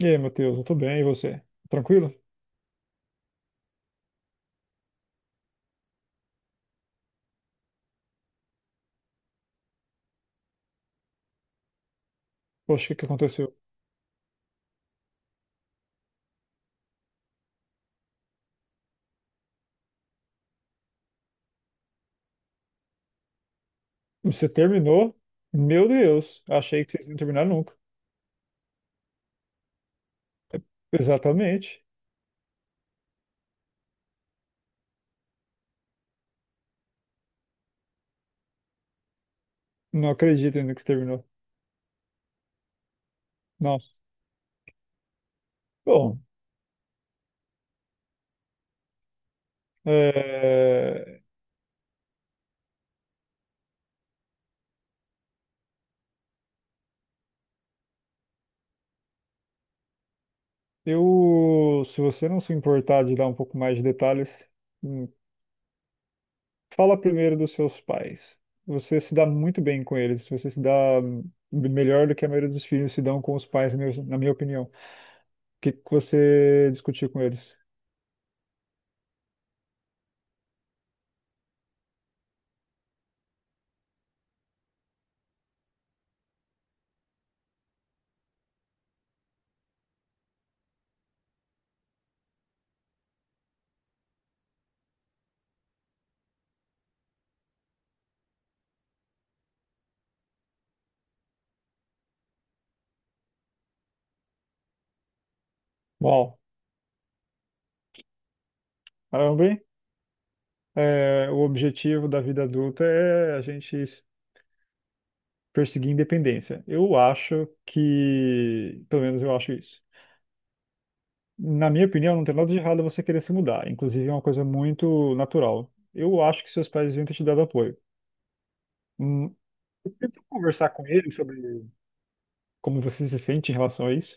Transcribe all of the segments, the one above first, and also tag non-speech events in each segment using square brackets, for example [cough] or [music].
E aí, Matheus, eu tô bem, e você? Tranquilo? Poxa, o que que aconteceu? Você terminou? Meu Deus, achei que vocês não terminar nunca. Exatamente. Não acredito ainda que você terminou. Nossa. Bom, é, eu, se você não se importar de dar um pouco mais de detalhes, hum, fala primeiro dos seus pais. Você se dá muito bem com eles, você se dá, hum, melhor do que a maioria dos filhos se dão com os pais, na minha opinião. O que que você discutiu com eles? Uau, caramba, hein? O objetivo da vida adulta é a gente perseguir independência. Eu acho que, pelo menos eu acho isso. Na minha opinião, não tem nada de errado você querer se mudar. Inclusive, é uma coisa muito natural. Eu acho que seus pais deviam ter te dado apoio. Hum, eu tento conversar com eles sobre como você se sente em relação a isso.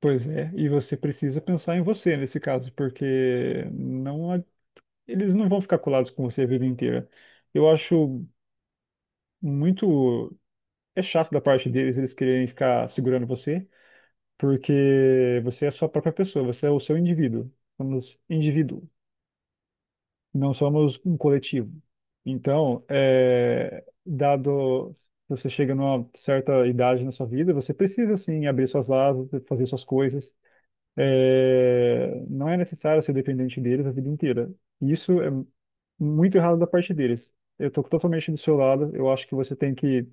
Pois é, e você precisa pensar em você nesse caso, porque não, eles não vão ficar colados com você a vida inteira. Eu acho muito É chato da parte deles eles quererem ficar segurando você, porque você é a sua própria pessoa, você é o seu indivíduo. Somos indivíduo, não somos um coletivo. Então, dado você chega numa certa idade na sua vida, você precisa sim abrir suas asas, fazer suas coisas. É, não é necessário ser dependente deles a vida inteira. E isso é muito errado da parte deles. Eu estou totalmente do seu lado. Eu acho que você tem que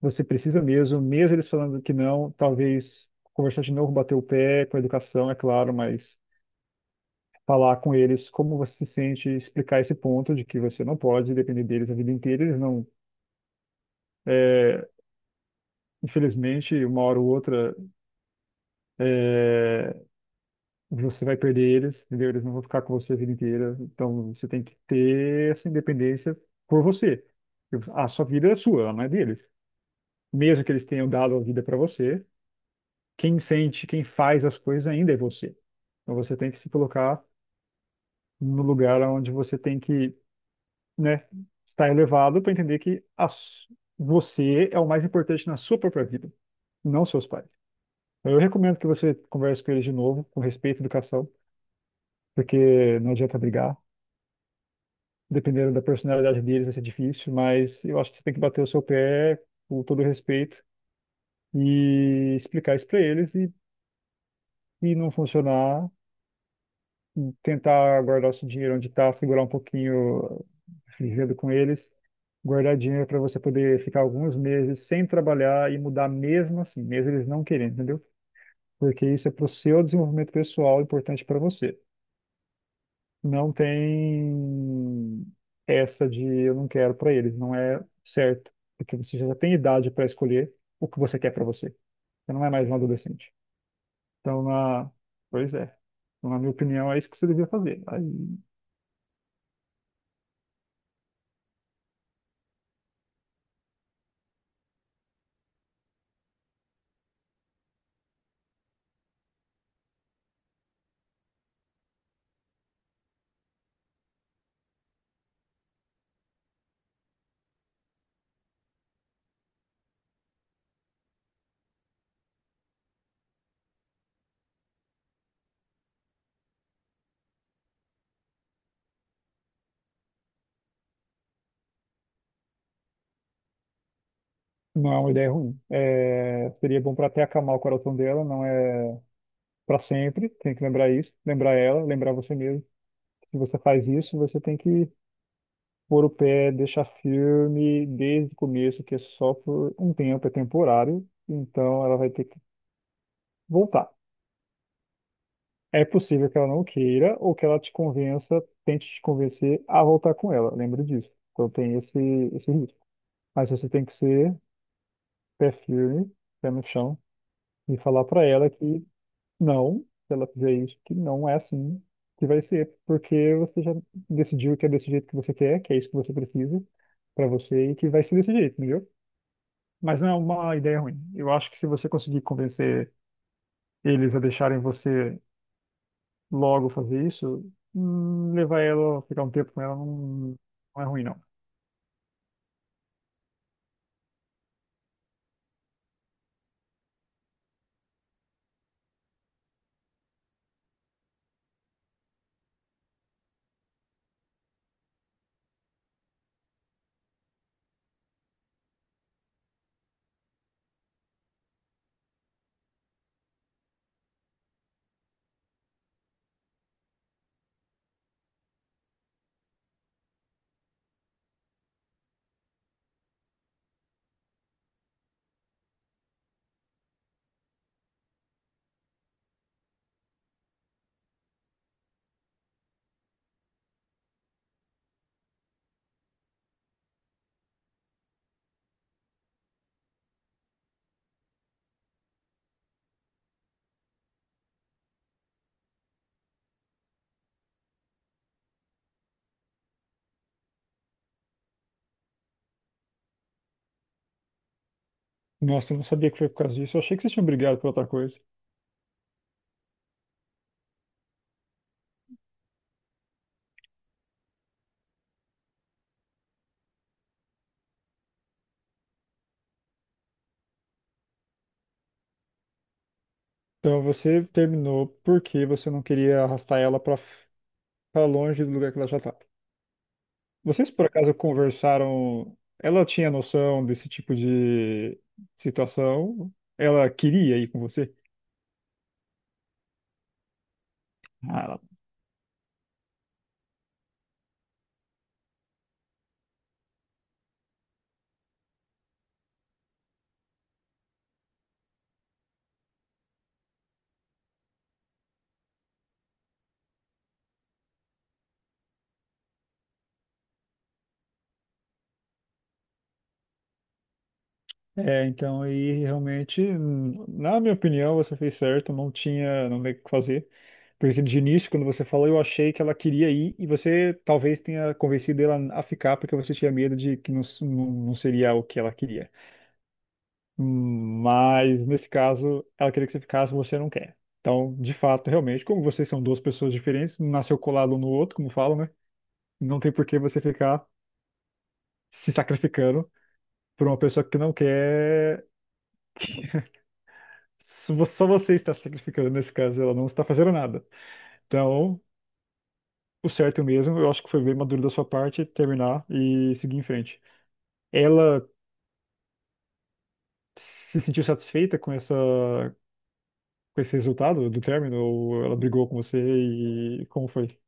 Você precisa mesmo, mesmo eles falando que não, talvez conversar de novo, bater o pé com a educação, é claro, mas falar com eles como você se sente, explicar esse ponto de que você não pode depender deles a vida inteira, eles não, é, infelizmente, uma hora ou outra, é, você vai perder eles, entendeu? Eles não vão ficar com você a vida inteira, então você tem que ter essa independência por você. A sua vida é sua, ela não é deles. Mesmo que eles tenham dado a vida para você, quem sente, quem faz as coisas ainda é você. Então você tem que se colocar no lugar onde você tem que, né, estar elevado para entender que você é o mais importante na sua própria vida, não seus pais. Então, eu recomendo que você converse com eles de novo, com respeito e educação, porque não adianta brigar. Dependendo da personalidade deles vai ser difícil, mas eu acho que você tem que bater o seu pé com todo respeito e explicar isso para eles e não funcionar, tentar guardar o seu dinheiro onde está, segurar um pouquinho vivendo com eles, guardar dinheiro para você poder ficar alguns meses sem trabalhar e mudar mesmo assim, mesmo eles não querendo, entendeu? Porque isso é para o seu desenvolvimento pessoal, importante para você. Não tem essa de eu não quero para eles, não é certo, porque você já tem idade para escolher o que você quer para você. Você não é mais um adolescente. Então, na... pois é. Então, na minha opinião, é isso que você devia fazer. Aí não é uma ideia ruim. É, seria bom para até acalmar o coração dela, não é para sempre, tem que lembrar isso, lembrar ela, lembrar você mesmo. Se você faz isso, você tem que pôr o pé, deixar firme desde o começo, que é só por um tempo, é temporário, então ela vai ter que voltar. É possível que ela não queira ou que ela te convença, tente te convencer a voltar com ela, lembra disso. Então tem esse risco. Mas você tem que ser pé firme, pé no chão, e falar para ela que não, se ela fizer isso, que não é assim que vai ser, porque você já decidiu que é desse jeito que você quer, que é isso que você precisa pra você e que vai ser desse jeito, entendeu? Mas não é uma ideia ruim. Eu acho que se você conseguir convencer eles a deixarem você logo fazer isso, levar ela, ficar um tempo com ela, não, não é ruim, não. Nossa, eu não sabia que foi por causa disso. Eu achei que vocês tinham brigado por outra coisa. Então você terminou porque você não queria arrastar ela pra longe do lugar que ela já tá. Vocês por acaso conversaram? Ela tinha noção desse tipo de situação? Ela queria ir com você? Ah, ela- É, então, e realmente, na minha opinião, você fez certo, não tinha, não tem o que fazer. Porque de início, quando você falou, eu achei que ela queria ir e você talvez tenha convencido ela a ficar porque você tinha medo de que não, não, não seria o que ela queria. Mas nesse caso, ela queria que você ficasse, você não quer. Então, de fato, realmente, como vocês são duas pessoas diferentes, um nasceu colado um no outro, como falam, né? Não tem por que você ficar se sacrificando por uma pessoa que não quer. [laughs] Só só você está se sacrificando nesse caso, ela não está fazendo nada. Então, o certo mesmo, eu acho que foi bem maduro da sua parte terminar e seguir em frente. Ela se sentiu satisfeita com com esse resultado do término? Ou ela brigou com você e como foi?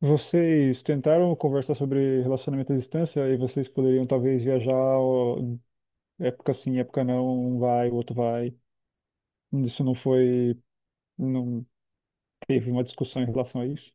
Vocês tentaram conversar sobre relacionamento à distância e vocês poderiam talvez viajar, ó, época sim, época não, um vai, o outro vai. Isso não foi, não teve uma discussão em relação a isso?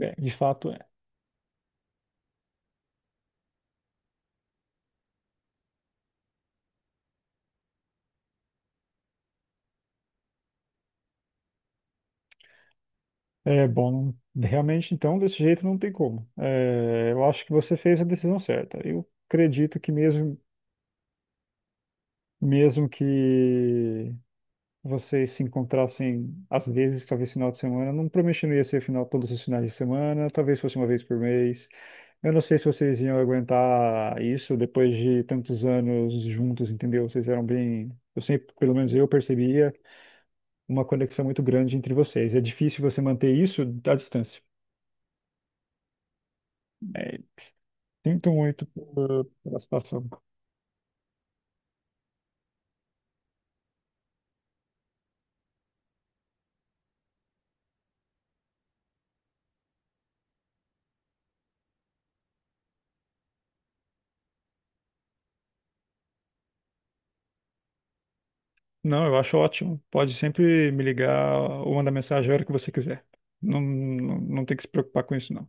É, de fato, é. É bom, realmente então desse jeito não tem como. É, eu acho que você fez a decisão certa. Eu acredito que mesmo que vocês se encontrassem às vezes, talvez final de semana, não prometo que não ia ser final todos os finais de semana, talvez fosse uma vez por mês. Eu não sei se vocês iam aguentar isso depois de tantos anos juntos, entendeu? Vocês eram bem. Eu sempre, pelo menos eu percebia uma conexão muito grande entre vocês. É difícil você manter isso à distância. É, sinto muito pela situação. Não, eu acho ótimo. Pode sempre me ligar ou mandar mensagem a hora que você quiser. Não, não, não tem que se preocupar com isso, não.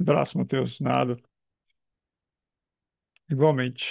Abraço, Matheus. Nada. Igualmente.